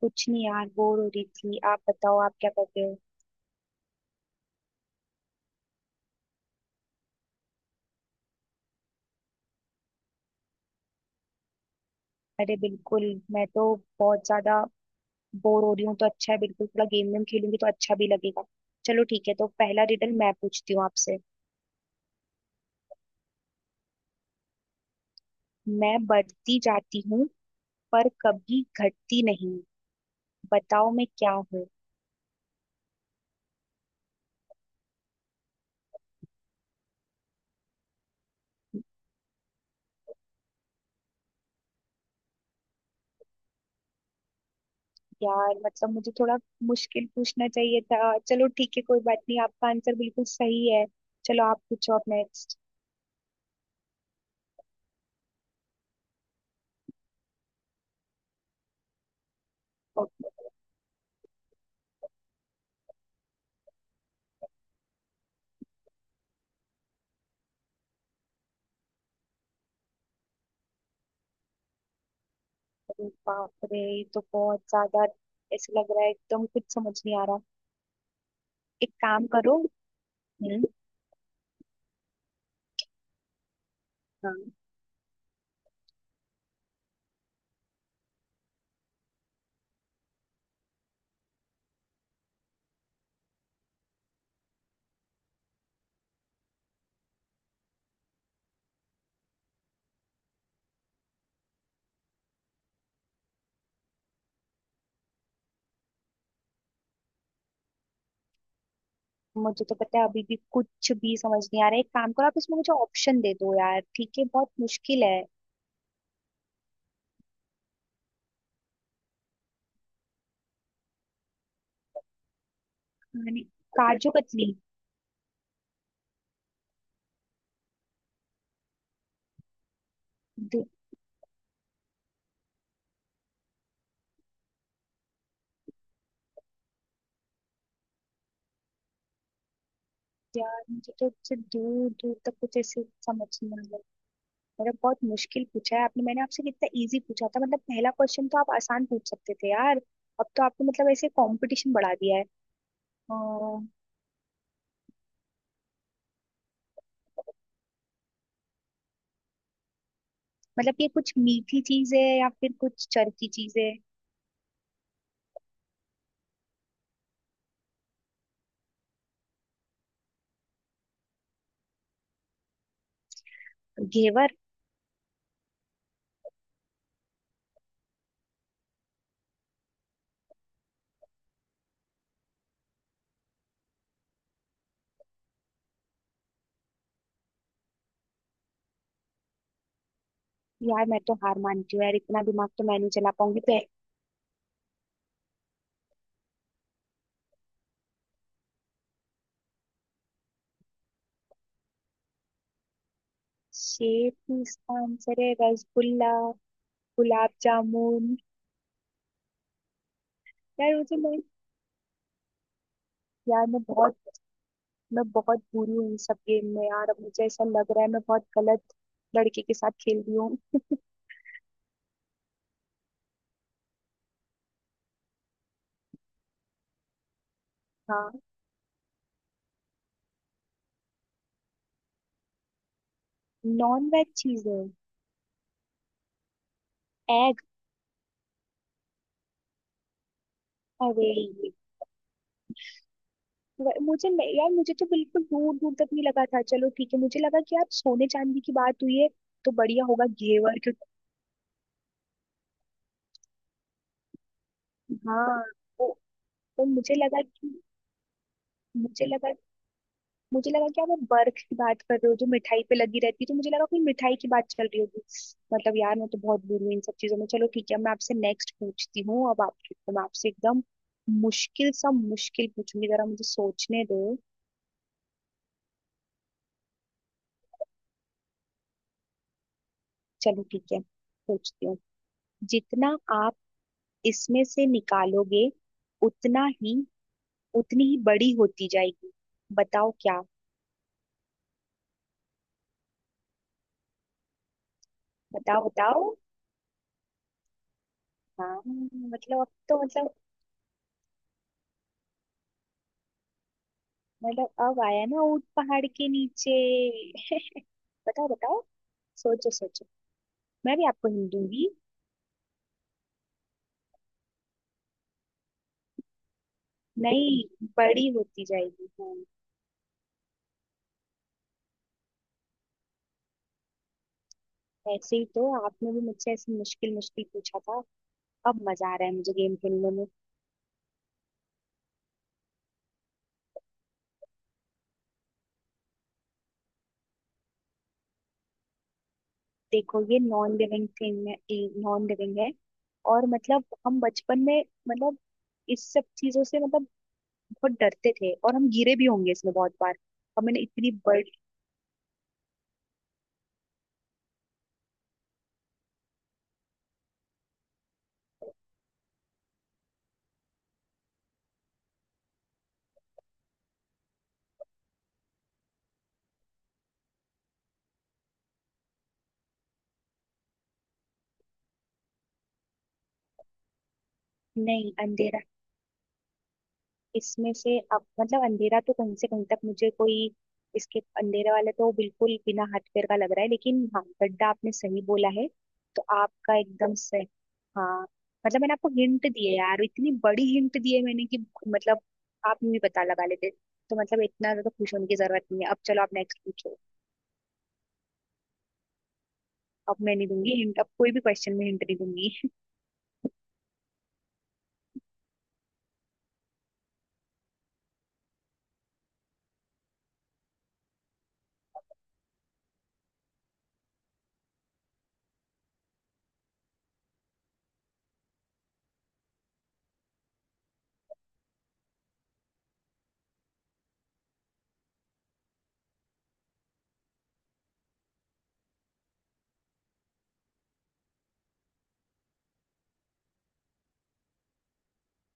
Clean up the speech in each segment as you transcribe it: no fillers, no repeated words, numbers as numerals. कुछ नहीं यार, बोर हो रही थी। आप बताओ, आप क्या कर रहे हो। अरे बिल्कुल। मैं तो बहुत ज्यादा बोर हो रही हूँ, तो अच्छा है, बिल्कुल थोड़ा गेम वेम खेलूंगी तो अच्छा भी लगेगा। चलो ठीक है, तो पहला रिडल मैं पूछती हूँ आपसे। मैं बढ़ती जाती हूँ, पर कभी घटती नहीं। बताओ मैं क्या हूँ। यार मतलब मुझे थोड़ा मुश्किल पूछना चाहिए था। चलो ठीक है, कोई बात नहीं, आपका आंसर बिल्कुल सही है। चलो आप पूछो, आप नेक्स्ट। बाप रे, ये तो बहुत ज्यादा ऐसे लग रहा है, एकदम कुछ समझ नहीं आ रहा। एक काम करो। हम्म। हाँ। मुझे तो पता है अभी भी कुछ भी समझ नहीं आ रहा है। एक काम करो, आप इसमें मुझे ऑप्शन दे दो यार, ठीक है? बहुत मुश्किल है। खाने, काजू कतली। दू- यार मुझे तो इससे दूर दूर तक कुछ ऐसे समझ नहीं आ रहा है। मतलब बहुत मुश्किल पूछा है आपने, मैंने आपसे कितना इजी पूछा था। मतलब पहला क्वेश्चन तो आप आसान पूछ सकते थे यार। अब तो आपने मतलब ऐसे कंपटीशन बढ़ा दिया है। अ, मतलब ये कुछ मीठी चीज है या फिर कुछ चरखी चीज है? घेवर? यार मैं तो हार मानती हूँ, यार इतना दिमाग तो मैं नहीं चला पाऊंगी तो। शेप ही इसका आंसर है? रसगुल्ला? गुलाब जामुन? यार मुझे मैं यार मैं बहुत बुरी हूँ इन सब गेम में। यार अब मुझे ऐसा लग रहा है मैं बहुत गलत लड़के के साथ खेल रही हूँ। हाँ। नॉन वेज चीजें? एग? अरे मुझे नहीं- यार मुझे तो बिल्कुल दूर दूर तक नहीं लगा था। चलो ठीक है, मुझे लगा कि यार सोने चांदी की बात हुई है, तो बढ़िया होगा घेवर क्योंकि। हाँ। तो, तो मुझे लगा मुझे लगा कि आप वो बर्फ की बात कर रहे हो जो मिठाई पे लगी रहती है, तो मुझे लगा कोई मिठाई की बात चल रही होगी। मतलब यार मैं तो बहुत बुरी हूँ इन सब चीजों में। चलो ठीक है, अब मैं आपसे नेक्स्ट पूछती हूँ। अब आपके तो, मैं आपसे एकदम मुश्किल सा मुश्किल पूछूंगी। जरा मुझे सोचने दो। चलो ठीक है, पूछती हूँ। जितना आप इसमें से निकालोगे, उतना ही, उतनी ही बड़ी होती जाएगी। बताओ क्या? बताओ बताओ। हाँ मतलब अब तो मतलब, मतलब अब आया ना ऊंट पहाड़ के नीचे। बताओ बताओ, सोचो सोचो। मैं भी आपको हिलूंगी। नहीं, बड़ी होती जाएगी, हाँ। ऐसे ही तो आपने भी मुझसे ऐसे मुश्किल मुश्किल पूछा था। अब मजा आ रहा है मुझे गेम खेलने में। देखो ये नॉन लिविंग थिंग है। नॉन लिविंग है। और मतलब हम बचपन में, मतलब इस सब चीजों से, मतलब बहुत डरते थे और हम गिरे भी होंगे इसमें बहुत बार। हमने इतनी बड़ी। नहीं, अंधेरा, इसमें से, अब मतलब अंधेरा तो कहीं से कहीं तक मुझे कोई, इसके अंधेरे वाला तो बिल्कुल बिना हथकड़ का लग रहा है। लेकिन हाँ, गड्ढा आपने सही बोला है, तो आपका एकदम सही। हाँ, मतलब मैंने आपको हिंट दिए यार, इतनी बड़ी हिंट दिए मैंने कि मतलब आप भी पता लगा लेते, तो मतलब इतना ज्यादा खुश होने की जरूरत नहीं है अब। चलो आप नेक्स्ट पूछो। अब मैं नहीं दूंगी हिंट, अब कोई भी क्वेश्चन में हिंट नहीं दूंगी।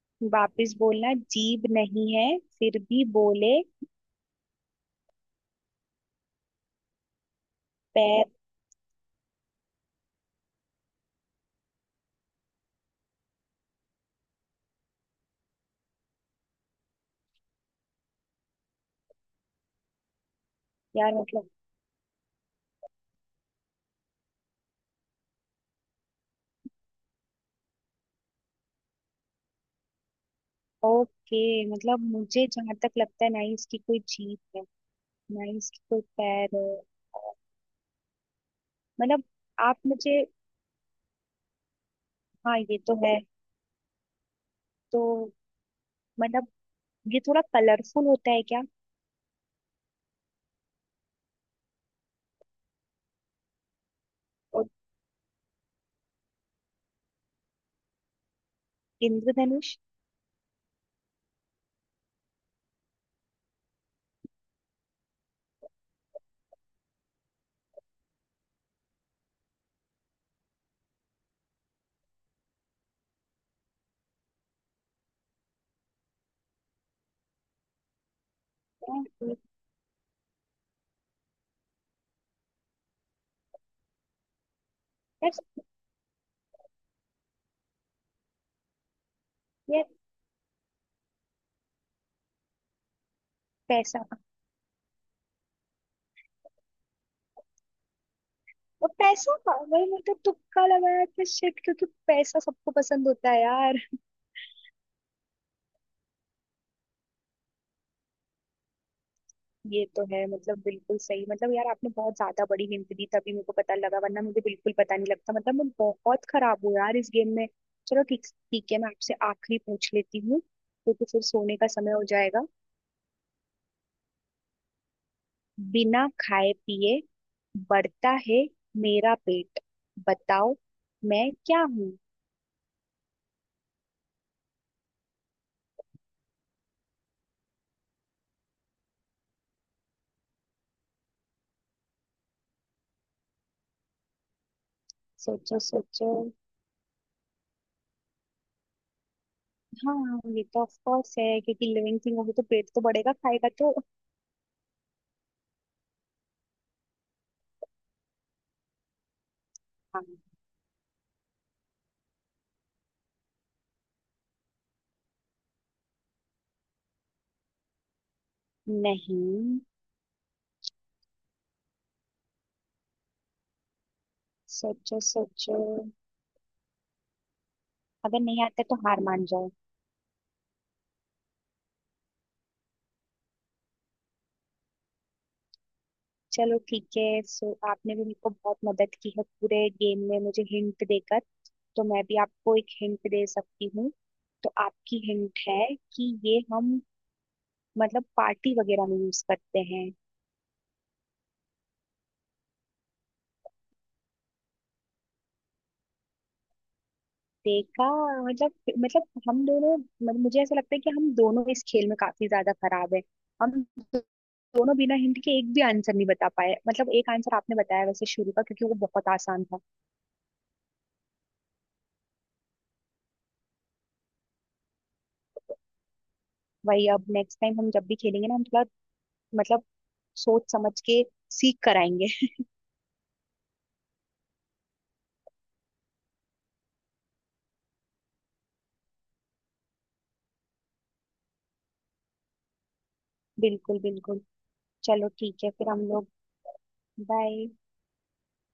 वापस बोलना। जीभ नहीं है फिर भी बोले। पैर। यार मतलब, ओके, मतलब मुझे जहां तक लगता है, ना ही इसकी कोई जीभ है, ना ही इसकी कोई पैर है। और- मतलब आप मुझे। हाँ ये तो है, तो मतलब ये थोड़ा कलरफुल होता है क्या? और इंद्रधनुष? यार, यार, पैसा? और पैसा का वही मतलब, तुक्का लगाया था। शिट, क्योंकि पैसा सबको पसंद होता है यार। ये तो है, मतलब बिल्कुल सही। मतलब यार आपने बहुत ज्यादा बड़ी हिंट दी तभी मेरे को पता लगा, वरना मुझे बिल्कुल पता नहीं लगता। मतलब मैं बहुत खराब हूँ यार इस गेम में। चलो ठीक ठीक है, मैं आपसे आखिरी पूछ लेती हूँ, क्योंकि फिर सोने का समय हो जाएगा। बिना खाए पिए बढ़ता है मेरा पेट। बताओ मैं क्या हूँ। सोचो सोचो। हाँ ये तो ऑफ कोर्स है, क्योंकि लिविंग थिंग होगी तो पेट तो बढ़ेगा, खाएगा तो। हाँ। नहीं। सोचो सोचो। अगर नहीं आता तो हार मान जाओ। चलो ठीक है, सो आपने भी मेरे को बहुत मदद की है पूरे गेम में मुझे हिंट देकर, तो मैं भी आपको एक हिंट दे सकती हूँ। तो आपकी हिंट है, कि ये हम मतलब पार्टी वगैरह में यूज करते हैं। देखा! मतलब मतलब हम दोनों, मतलब मुझे ऐसा लगता है कि हम दोनों इस खेल में काफी ज्यादा खराब है। हम दोनों बिना हिंट के एक भी आंसर नहीं बता पाए। मतलब एक आंसर आपने बताया वैसे शुरू का, क्योंकि वो बहुत आसान था। वही, अब नेक्स्ट टाइम हम जब भी खेलेंगे ना, हम थोड़ा मतलब सोच समझ के सीख कराएंगे। बिल्कुल, बिल्कुल। चलो ठीक है, फिर हम लोग बाय।